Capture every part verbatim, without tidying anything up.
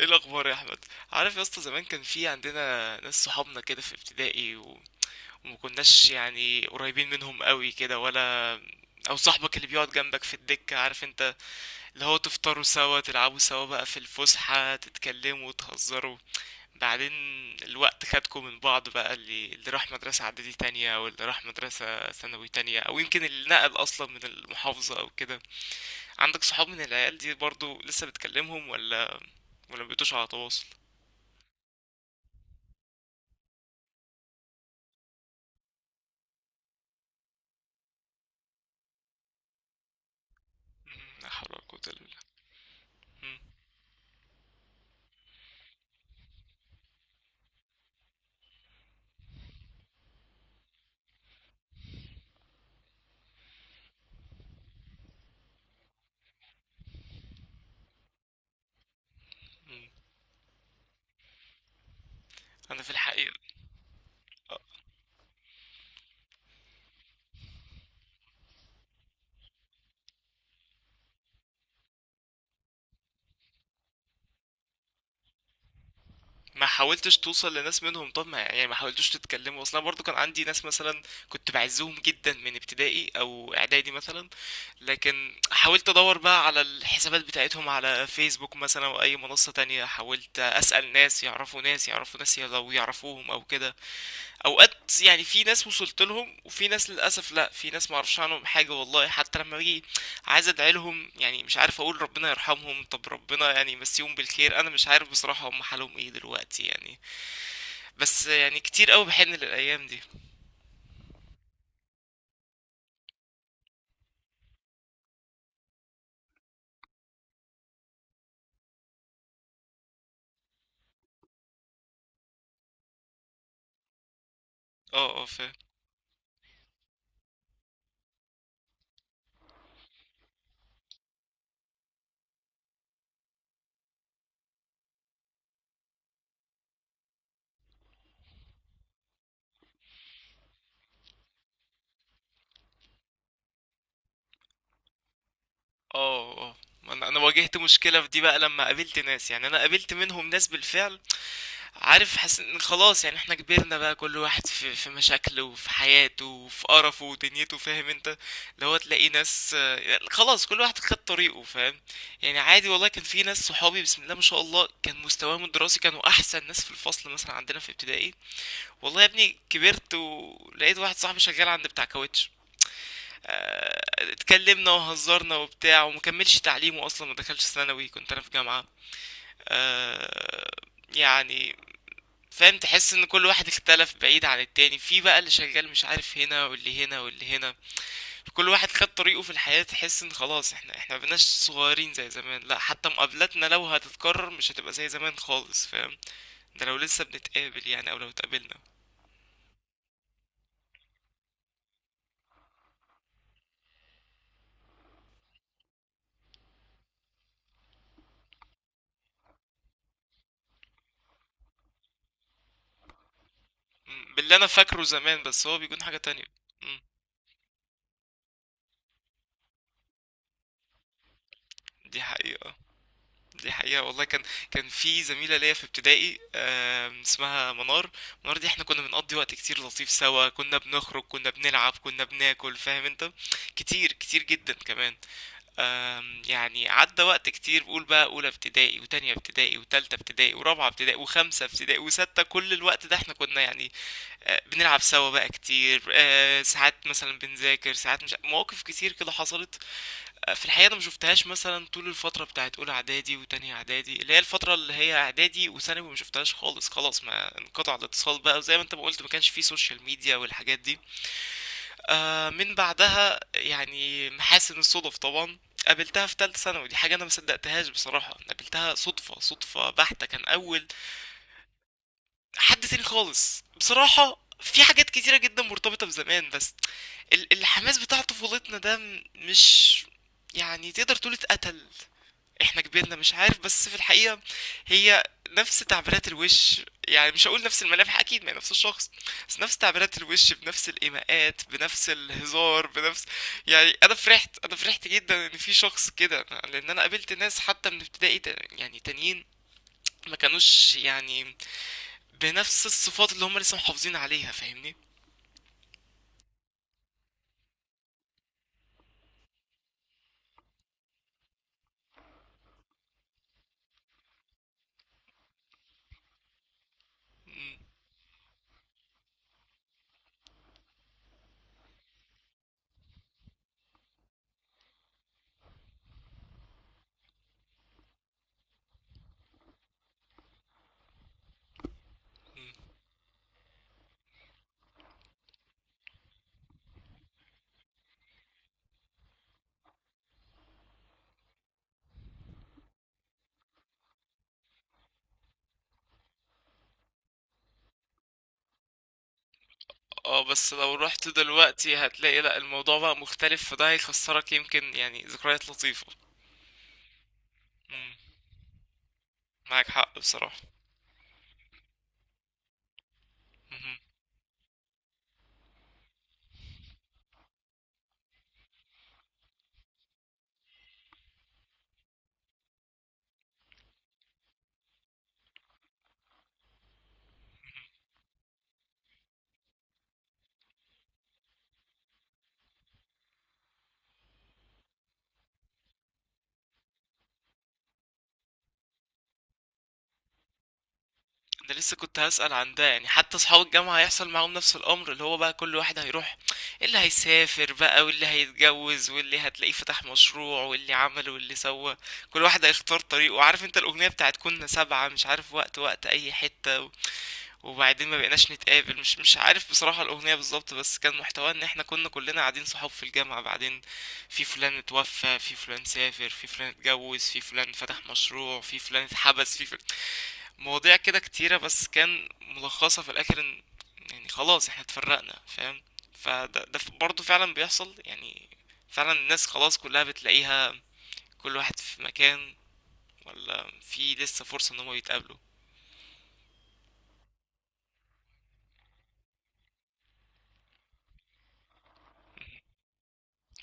ايه الاخبار يا احمد؟ عارف يا اسطى، زمان كان في عندنا ناس صحابنا كده في ابتدائي، و... و...ما كناش يعني قريبين منهم قوي كده، ولا او صاحبك اللي بيقعد جنبك في الدكة عارف انت، اللي هو تفطروا سوا تلعبوا سوا بقى في الفسحة تتكلموا وتهزروا. بعدين الوقت خدكم من بعض، بقى اللي, اللي راح مدرسة اعدادي تانية او اللي راح مدرسة ثانوي تانية، او يمكن اللي نقل اصلا من المحافظة او كده. عندك صحاب من العيال دي برضو لسه بتكلمهم، ولا ولا مبقيتوش على تواصل؟ مم، لا حول ولا قوة إلا بالله. مم، مم. أنا في الحقيقة آه، ما حاولتش توصل لناس منهم؟ طب ما يعني ما حاولتوش تتكلموا أصلا برضو؟ كان عندي ناس مثلا كنت بعزهم جدا من ابتدائي أو إعدادي مثلا، لكن حاولت أدور بقى على الحسابات بتاعتهم على فيسبوك مثلا أو أي منصة تانية، حاولت أسأل ناس يعرفوا ناس يعرفوا ناس لو يعرفوهم أو كده. اوقات يعني في ناس وصلت لهم، وفي ناس للاسف لا، في ناس ما اعرفش عنهم حاجه والله. حتى لما باجي عايز ادعي لهم يعني مش عارف اقول ربنا يرحمهم طب ربنا يعني يمسيهم بالخير، انا مش عارف بصراحه هم حالهم ايه دلوقتي يعني. بس يعني كتير قوي بحن للايام دي. اه اه فاهم. اه اه، ما انا انا واجهت مشكله في دي بقى لما قابلت ناس، يعني انا قابلت منهم ناس بالفعل، عارف؟ حاسس ان خلاص يعني احنا كبرنا بقى، كل واحد في في مشاكله وفي حياته وفي قرفه ودنيته، فاهم انت؟ اللي هو تلاقي ناس، آه، يعني خلاص كل واحد خد طريقه فاهم. يعني عادي والله، كان في ناس صحابي بسم الله ما شاء الله كان مستواهم الدراسي كانوا احسن ناس في الفصل مثلا عندنا في ابتدائي. والله يا ابني كبرت ولقيت واحد صاحبي شغال عند بتاع كاوتش. آه، اتكلمنا وهزرنا وبتاع، ومكملش تعليمه اصلا ما دخلش ثانوي، كنت انا في جامعة. آه، يعني فاهم؟ تحس ان كل واحد اختلف بعيد عن التاني، في بقى اللي شغال مش عارف هنا، واللي هنا، واللي هنا. كل واحد خد طريقه في الحياة، تحس ان خلاص احنا احنا مبقناش صغيرين زي زمان، لا حتى مقابلاتنا لو هتتكرر مش هتبقى زي زمان خالص فاهم. ده لو لسه بنتقابل يعني، او لو اتقابلنا. م، باللي انا فاكره زمان، بس هو بيكون حاجة تانية. م، دي حقيقة. دي حقيقة والله. كان كان في زميلة ليا في ابتدائي آم، اسمها منار. منار دي احنا كنا بنقضي وقت كتير لطيف سوا، كنا بنخرج كنا بنلعب كنا بناكل فاهم انت، كتير كتير جدا كمان. آم، يعني عدى وقت كتير، بقول بقى اولى ابتدائي وتانية ابتدائي وتالتة ابتدائي ورابعة ابتدائي وخمسة ابتدائي وستة، كل الوقت ده احنا كنا يعني آه، بنلعب سوا بقى كتير، آه، ساعات مثلا بنذاكر ساعات، مش مواقف كتير كده حصلت. آه، في الحقيقة أنا ما شفتهاش مثلا طول الفترة بتاعت أولى إعدادي وتانية إعدادي، اللي هي الفترة اللي هي إعدادي وثانوي ما شفتهاش خالص، خلاص ما انقطع الاتصال بقى، وزي ما أنت ما قلت ما كانش فيه سوشيال ميديا والحاجات دي. آه من بعدها يعني محاسن الصدف طبعا قابلتها في تالتة ثانوي، دي حاجة أنا ما صدقتهاش بصراحة، قابلتها صدفة صدفة بحتة، كان أول حد تاني خالص بصراحة. في حاجات كتيرة جدا مرتبطة بزمان، بس ال- الحماس بتاع طفولتنا ده م- مش، يعني تقدر تقول اتقتل. احنا كبرنا مش عارف، بس في الحقيقة هي نفس تعبيرات الوش، يعني مش هقول نفس الملامح اكيد، ما هي نفس الشخص، بس نفس تعبيرات الوش، بنفس الايماءات، بنفس الهزار، بنفس، يعني انا فرحت، انا فرحت جدا ان في شخص كده، لان انا قابلت ناس حتى من ابتدائي تا- يعني تانيين ما كانوش يعني بنفس الصفات اللي هم لسه محافظين عليها فاهمني. مم. مم. اه بس لو رحت دلوقتي هتلاقي لا، الموضوع بقى مختلف، فده هيخسرك يمكن يعني ذكريات لطيفة. مم. معاك حق بصراحة. مهم. انا لسه كنت هسأل عن ده، يعني حتى اصحاب الجامعة هيحصل معاهم نفس الامر، اللي هو بقى كل واحد هيروح، اللي هيسافر بقى، واللي هيتجوز، واللي هتلاقيه فتح مشروع، واللي عمل، واللي سوى. كل واحد هيختار طريقه عارف انت. الاغنية بتاعت كنا سبعة مش عارف وقت وقت اي حتة و- وبعدين ما بقيناش نتقابل، مش مش عارف بصراحة الاغنية بالظبط، بس كان محتواها ان احنا كنا كلنا قاعدين صحاب في الجامعة، بعدين في فلان اتوفى، في فلان سافر، في فلان اتجوز، في فلان فتح مشروع، في فلان اتحبس، في فلان، مواضيع كده كتيرة، بس كان ملخصها في الآخر إن يعني خلاص احنا اتفرقنا فاهم. فده ده ف- برضه فعلا بيحصل يعني. فعلا الناس خلاص كلها بتلاقيها كل واحد في مكان، ولا في لسه فرصة إن هما يتقابلوا؟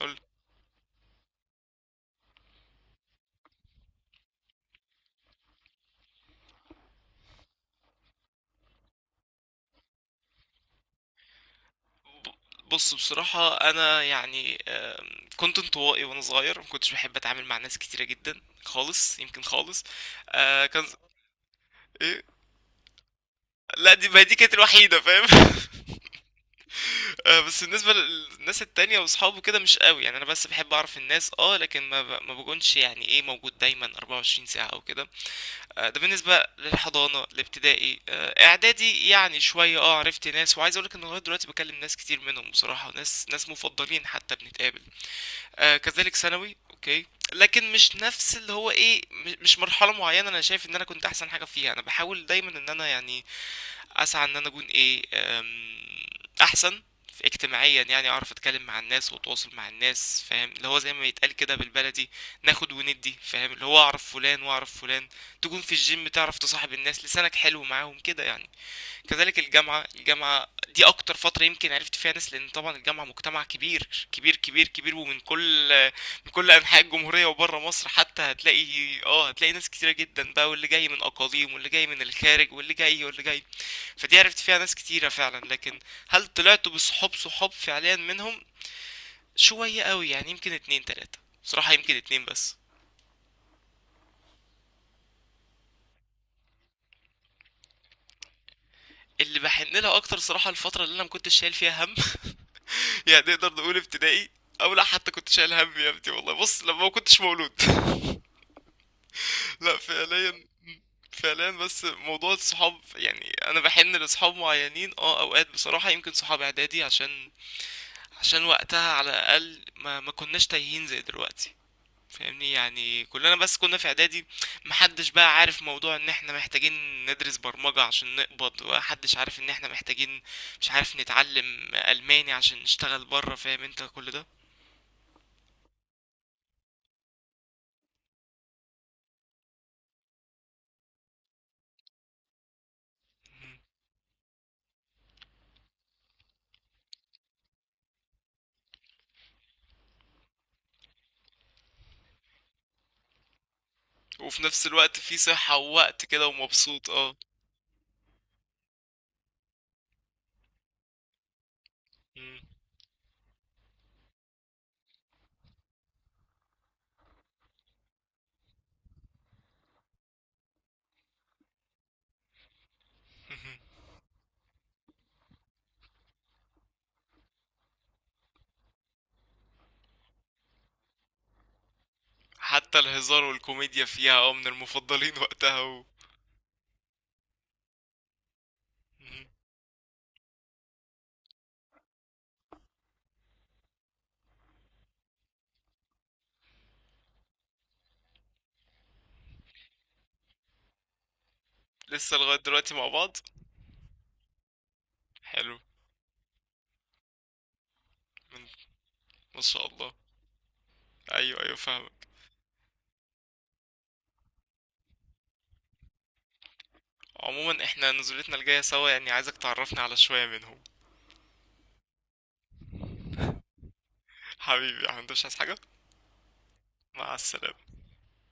قول. ب- بص بصراحة أنا يعني آه، كنت انطوائي وأنا صغير، مكنتش بحب أتعامل مع ناس كتيرة جدا خالص يمكن خالص. آه، كان إيه؟ لا دي ما دي كانت الوحيدة فاهم آه، بس بالنسبة للناس التانية واصحابه كده مش قوي يعني، انا بس بحب اعرف الناس اه، لكن ما ب- ما بكونش يعني ايه موجود دايما أربعة وعشرين ساعة او كده. آه، ده بالنسبة للحضانة الابتدائي. آه، اعدادي يعني شوية اه عرفت ناس، وعايز اقولك ان لغاية دلوقتي بكلم ناس كتير منهم بصراحة، ناس ناس مفضلين حتى بنتقابل. آه، كذلك ثانوي اوكي. لكن مش نفس اللي هو ايه م- مش مرحلة معينة، انا شايف ان انا كنت احسن حاجة فيها، انا بحاول دايما ان انا يعني اسعى ان انا اكون ايه، أم، احسن في اجتماعيا يعني اعرف اتكلم مع الناس واتواصل مع الناس فاهم، اللي هو زي ما يتقال كده بالبلدي ناخد وندي فاهم، اللي هو اعرف فلان واعرف فلان، تكون في الجيم تعرف تصاحب الناس لسانك حلو معاهم كده يعني. كذلك الجامعة الجامعة دي أكتر فترة يمكن عرفت فيها ناس، لأن طبعا الجامعة مجتمع كبير كبير كبير كبير، ومن كل من كل أنحاء الجمهورية وبره مصر حتى هتلاقي. اه هتلاقي ناس كتيرة جدا بقى، واللي جاي من أقاليم، واللي جاي من الخارج، واللي جاي، واللي جاي. فدي عرفت فيها ناس كتيرة فعلا، لكن هل طلعت بصحاب صحاب فعليا منهم؟ شوية قوي يعني، يمكن اتنين تلاتة، بصراحة يمكن اتنين بس. اللي بحن لها أكتر صراحة الفترة اللي أنا مكنتش شايل فيها هم، يعني نقدر نقول ابتدائي. او لا حتى كنت شايل هم يا ابني، والله بص لما ما كنتش مولود لا فعليا، فعليا بس موضوع الصحاب يعني انا بحن لصحاب معينين اه، اوقات بصراحة يمكن صحاب اعدادي، عشان عشان وقتها على الاقل ما ما كناش تايهين زي دلوقتي فاهمني. يعني كلنا بس كنا في اعدادي محدش بقى عارف موضوع ان احنا محتاجين ندرس برمجة عشان نقبض، ومحدش عارف ان احنا محتاجين مش عارف نتعلم الماني عشان نشتغل بره فاهم انت كل ده. وفي نفس الوقت في صحة ووقت كده ومبسوط اه. مم. مهم. حتى الهزار والكوميديا فيها اه من المفضلين وقتها و... مم. لسه لغاية دلوقتي مع بعض. حلو. من... ما شاء الله. ايوه ايوه فاهمك. عموما احنا نزولتنا الجاية سوا، يعني عايزك تعرفني على شوية منهم. حبيبي يا أحمد، مش عايز حاجة. مع السلامة.